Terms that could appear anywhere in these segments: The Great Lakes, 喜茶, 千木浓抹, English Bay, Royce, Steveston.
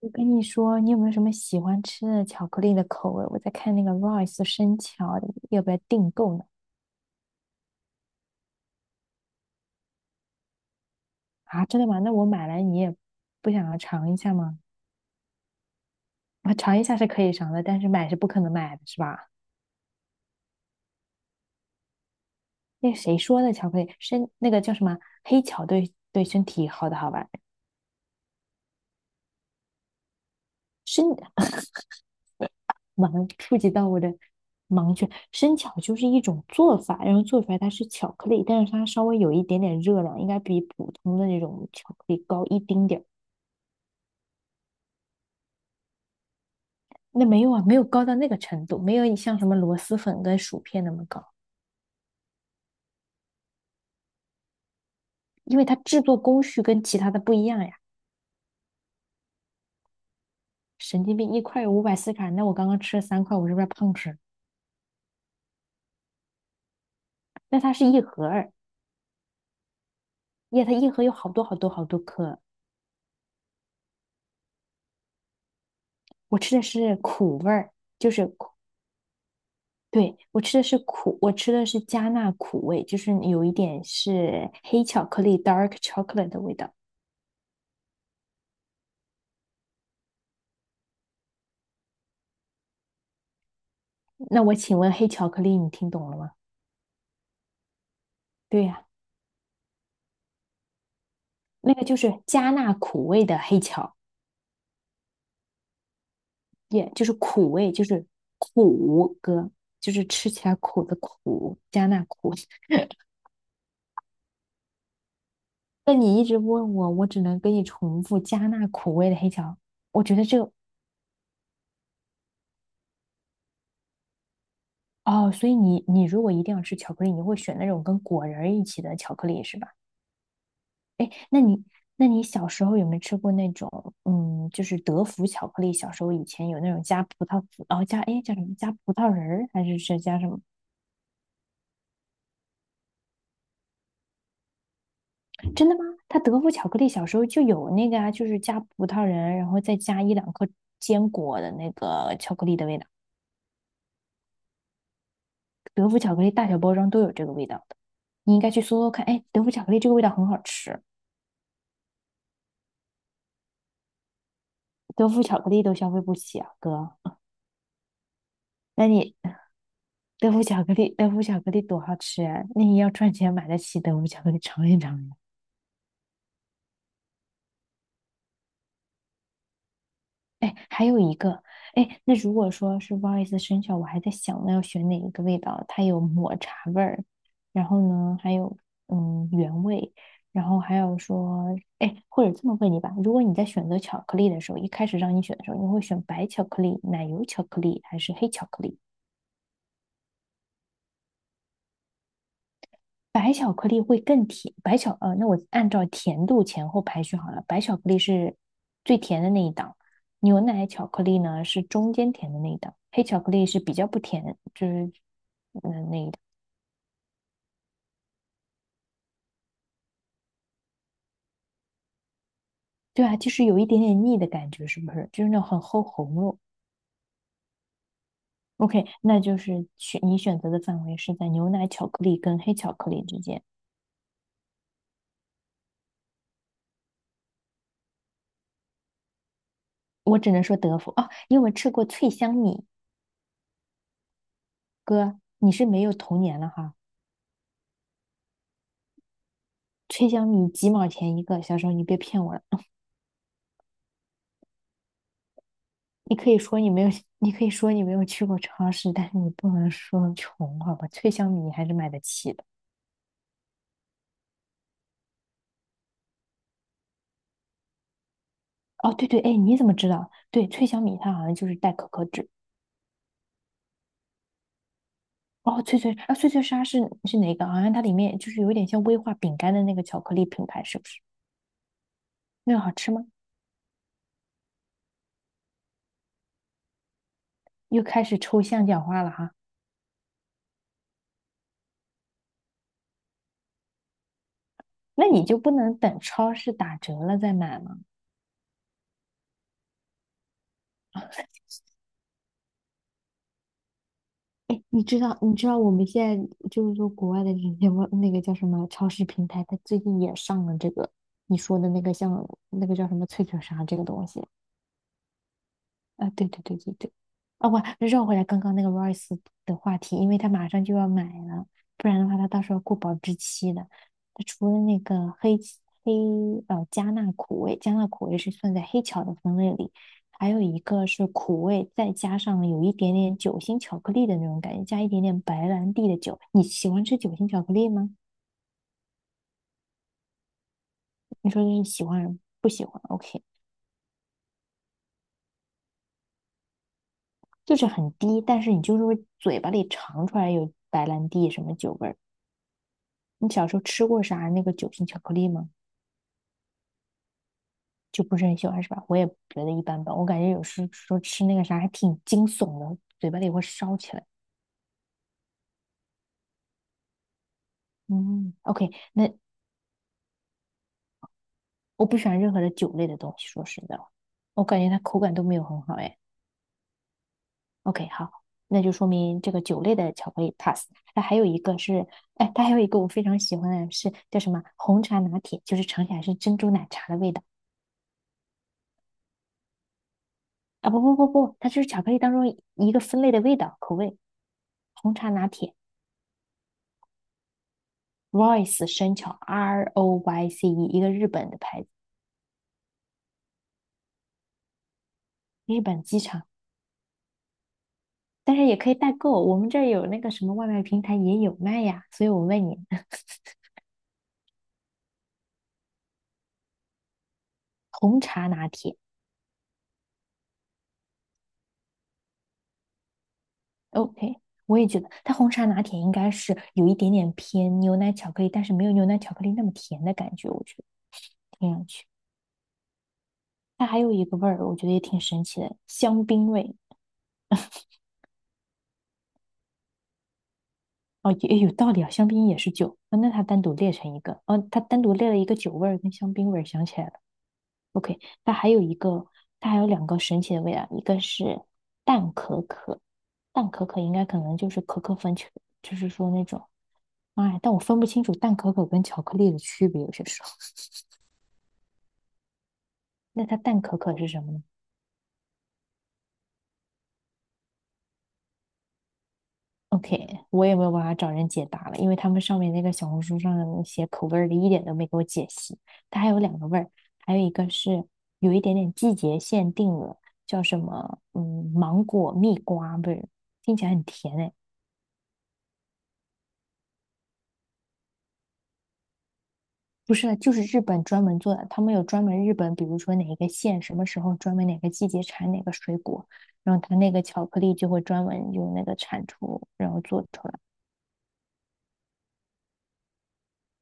我跟你说，你有没有什么喜欢吃的巧克力的口味？我在看那个 r i c e 生巧的要不要订购呢？啊，真的吗？那我买来你也不想要尝一下吗？啊，尝一下是可以尝的，但是买是不可能买的，是吧？那个谁说的巧克力生那个叫什么黑巧，对，对身体好的好吧？生完了触及到我的盲区。生巧就是一种做法，然后做出来它是巧克力，但是它稍微有一点点热量，应该比普通的那种巧克力高一丁点儿。那没有啊，没有高到那个程度，没有你像什么螺蛳粉跟薯片那么高。因为它制作工序跟其他的不一样呀。神经病，一块540卡，那我刚刚吃了三块，我是不是胖吃？那它是一盒儿。耶，它一盒有好多好多好多颗。我吃的是苦味儿，就是苦。对，我吃的是苦，我吃的是加纳苦味，就是有一点是黑巧克力 （dark chocolate） 的味道。那我请问黑巧克力你听懂了吗？对呀、那个就是加纳苦味的黑巧。也就是苦味，就是苦哥，就是吃起来苦的苦，加那苦。那你一直问我，我只能给你重复加那苦味的黑巧。我觉得这个，哦，所以你如果一定要吃巧克力，你会选那种跟果仁儿一起的巧克力是吧？哎，那你，那你小时候有没有吃过那种，嗯，就是德芙巧克力？小时候以前有那种加葡萄籽，哦加哎叫什么加葡萄仁儿还是是加什么？真的吗？它德芙巧克力小时候就有那个啊，就是加葡萄仁，然后再加一两颗坚果的那个巧克力的味道。德芙巧克力大小包装都有这个味道的，你应该去搜搜看。哎，德芙巧克力这个味道很好吃。德芙巧克力都消费不起啊，哥。那你德芙巧克力，德芙巧克力多好吃啊！那你要赚钱买得起德芙巧克力尝一尝呀。哎，还有一个，哎，那如果说是不好意思生肖，我还在想呢要选哪一个味道，它有抹茶味儿，然后呢还有原味，然后还有说，哎，或者这么问你吧，如果你在选择巧克力的时候，一开始让你选的时候，你会选白巧克力、奶油巧克力还是黑巧克力？白巧克力会更甜，那我按照甜度前后排序好了。白巧克力是最甜的那一档，牛奶巧克力呢是中间甜的那一档，黑巧克力是比较不甜，就是。对啊，就是有一点点腻的感觉，是不是？就是那种很齁喉咙。OK，那就是选你选择的范围是在牛奶巧克力跟黑巧克力之间。我只能说德芙哦，因为我吃过脆香米。哥，你是没有童年了哈。脆香米几毛钱一个，小时候你别骗我了。你可以说你没有，你可以说你没有去过超市，但是你不能说穷，好吧？脆香米你还是买得起的。哦，对对，哎，你怎么知道？对，脆香米它好像就是带可可脂。哦，脆脆啊，脆脆鲨是哪个？好像它里面就是有点像威化饼干的那个巧克力品牌，是不是？那个好吃吗？又开始抽象讲话了哈。那你就不能等超市打折了再买吗？哎，你知道，你知道我们现在就是说国外的这些外那个叫什么超市平台，它最近也上了这个你说的那个像那个叫什么脆脆鲨这个东西。啊，对对对对对。啊，我绕回来刚刚那个 Royce 的话题，因为他马上就要买了，不然的话他到时候过保质期的。他除了那个黑起黑呃加纳苦味，加纳苦味是算在黑巧的分类里，还有一个是苦味，再加上有一点点酒心巧克力的那种感觉，加一点点白兰地的酒。你喜欢吃酒心巧克力吗？你说你喜欢不喜欢？OK，就是很低，但是你就是会嘴巴里尝出来有白兰地什么酒味儿。你小时候吃过啥那个酒心巧克力吗？就不是很喜欢是吧？我也觉得一般般，我感觉有时说吃那个啥还挺惊悚的，嘴巴里会烧起来。嗯，OK，那我不喜欢任何的酒类的东西，说实在话，我感觉它口感都没有很好哎。OK，好，那就说明这个酒类的巧克力 pass。那还有一个是，哎，它还有一个我非常喜欢的是叫什么红茶拿铁，就是尝起来是珍珠奶茶的味道。啊！不不不不，它就是巧克力当中一个分类的味道口味，红茶拿铁。Royce 生巧 ROYCE，一个日本的牌子，日本机场，但是也可以代购，我们这儿有那个什么外卖平台也有卖呀，所以我问你 红茶拿铁，OK，我也觉得它红茶拿铁应该是有一点点偏牛奶巧克力，但是没有牛奶巧克力那么甜的感觉，我觉得听上去，它还有一个味儿，我觉得也挺神奇的，香槟味。哦，也有道理啊，香槟也是酒啊，那它单独列成一个，哦，它单独列了一个酒味儿跟香槟味儿，想起来了。OK，它还有一个，它还有两个神奇的味道，一个是淡可可，淡可可应该可能就是可可粉，去就是说那种，哎，但我分不清楚淡可可跟巧克力的区别，有些时候。那它淡可可是什么呢？OK，我也没有办法找人解答了，因为他们上面那个小红书上的那口味儿的一点都没给我解析。它还有两个味儿，还有一个是有一点点季节限定的，叫什么？嗯，芒果蜜瓜味儿，听起来很甜哎。不是，就是日本专门做的，他们有专门日本，比如说哪一个县什么时候专门哪个季节产哪个水果，然后它那个巧克力就会专门用那个产出，然后做出来。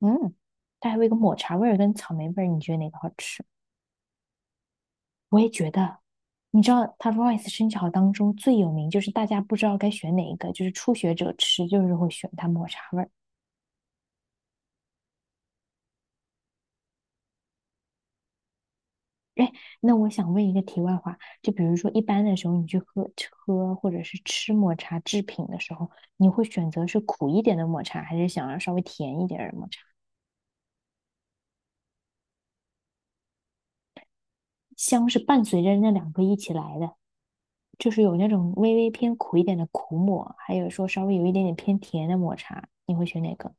嗯，它还有一个抹茶味儿跟草莓味儿，你觉得哪个好吃？我也觉得，你知道它 r i c e 生巧当中最有名，就是大家不知道该选哪一个，就是初学者吃就是会选它抹茶味儿。哎，那我想问一个题外话，就比如说一般的时候，你去喝喝或者是吃抹茶制品的时候，你会选择是苦一点的抹茶，还是想要稍微甜一点儿的抹茶？香是伴随着那两个一起来的，就是有那种微微偏苦一点的苦抹，还有说稍微有一点点偏甜的抹茶，你会选哪个？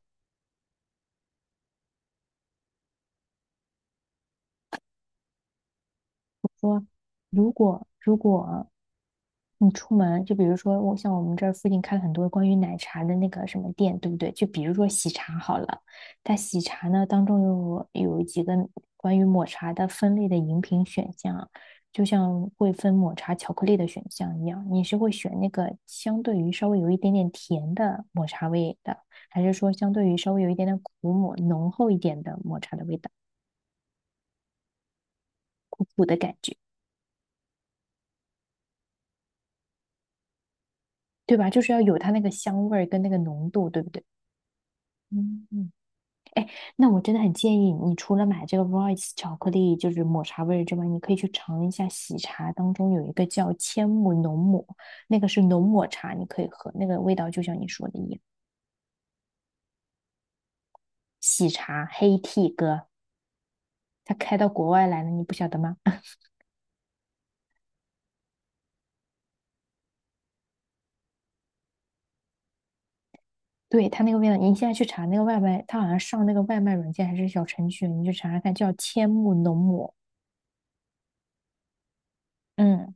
如果你出门，就比如说我像我们这儿附近开了很多关于奶茶的那个什么店，对不对？就比如说喜茶好了，它喜茶呢当中有几个关于抹茶的分类的饮品选项，就像会分抹茶巧克力的选项一样，你是会选那个相对于稍微有一点点甜的抹茶味的，还是说相对于稍微有一点点苦抹浓厚一点的抹茶的味道，苦苦的感觉，对吧？就是要有它那个香味儿跟那个浓度，对不对？嗯嗯。哎，那我真的很建议你，除了买这个 Royce 巧克力，就是抹茶味儿之外，你可以去尝一下喜茶当中有一个叫千木浓抹，那个是浓抹茶，你可以喝，那个味道就像你说的一样，喜茶黑 t 哥，他开到国外来了，你不晓得吗？对，它那个味道，你现在去查那个外卖，它好像上那个外卖软件还是小程序，你去查查看，叫千木浓抹，嗯。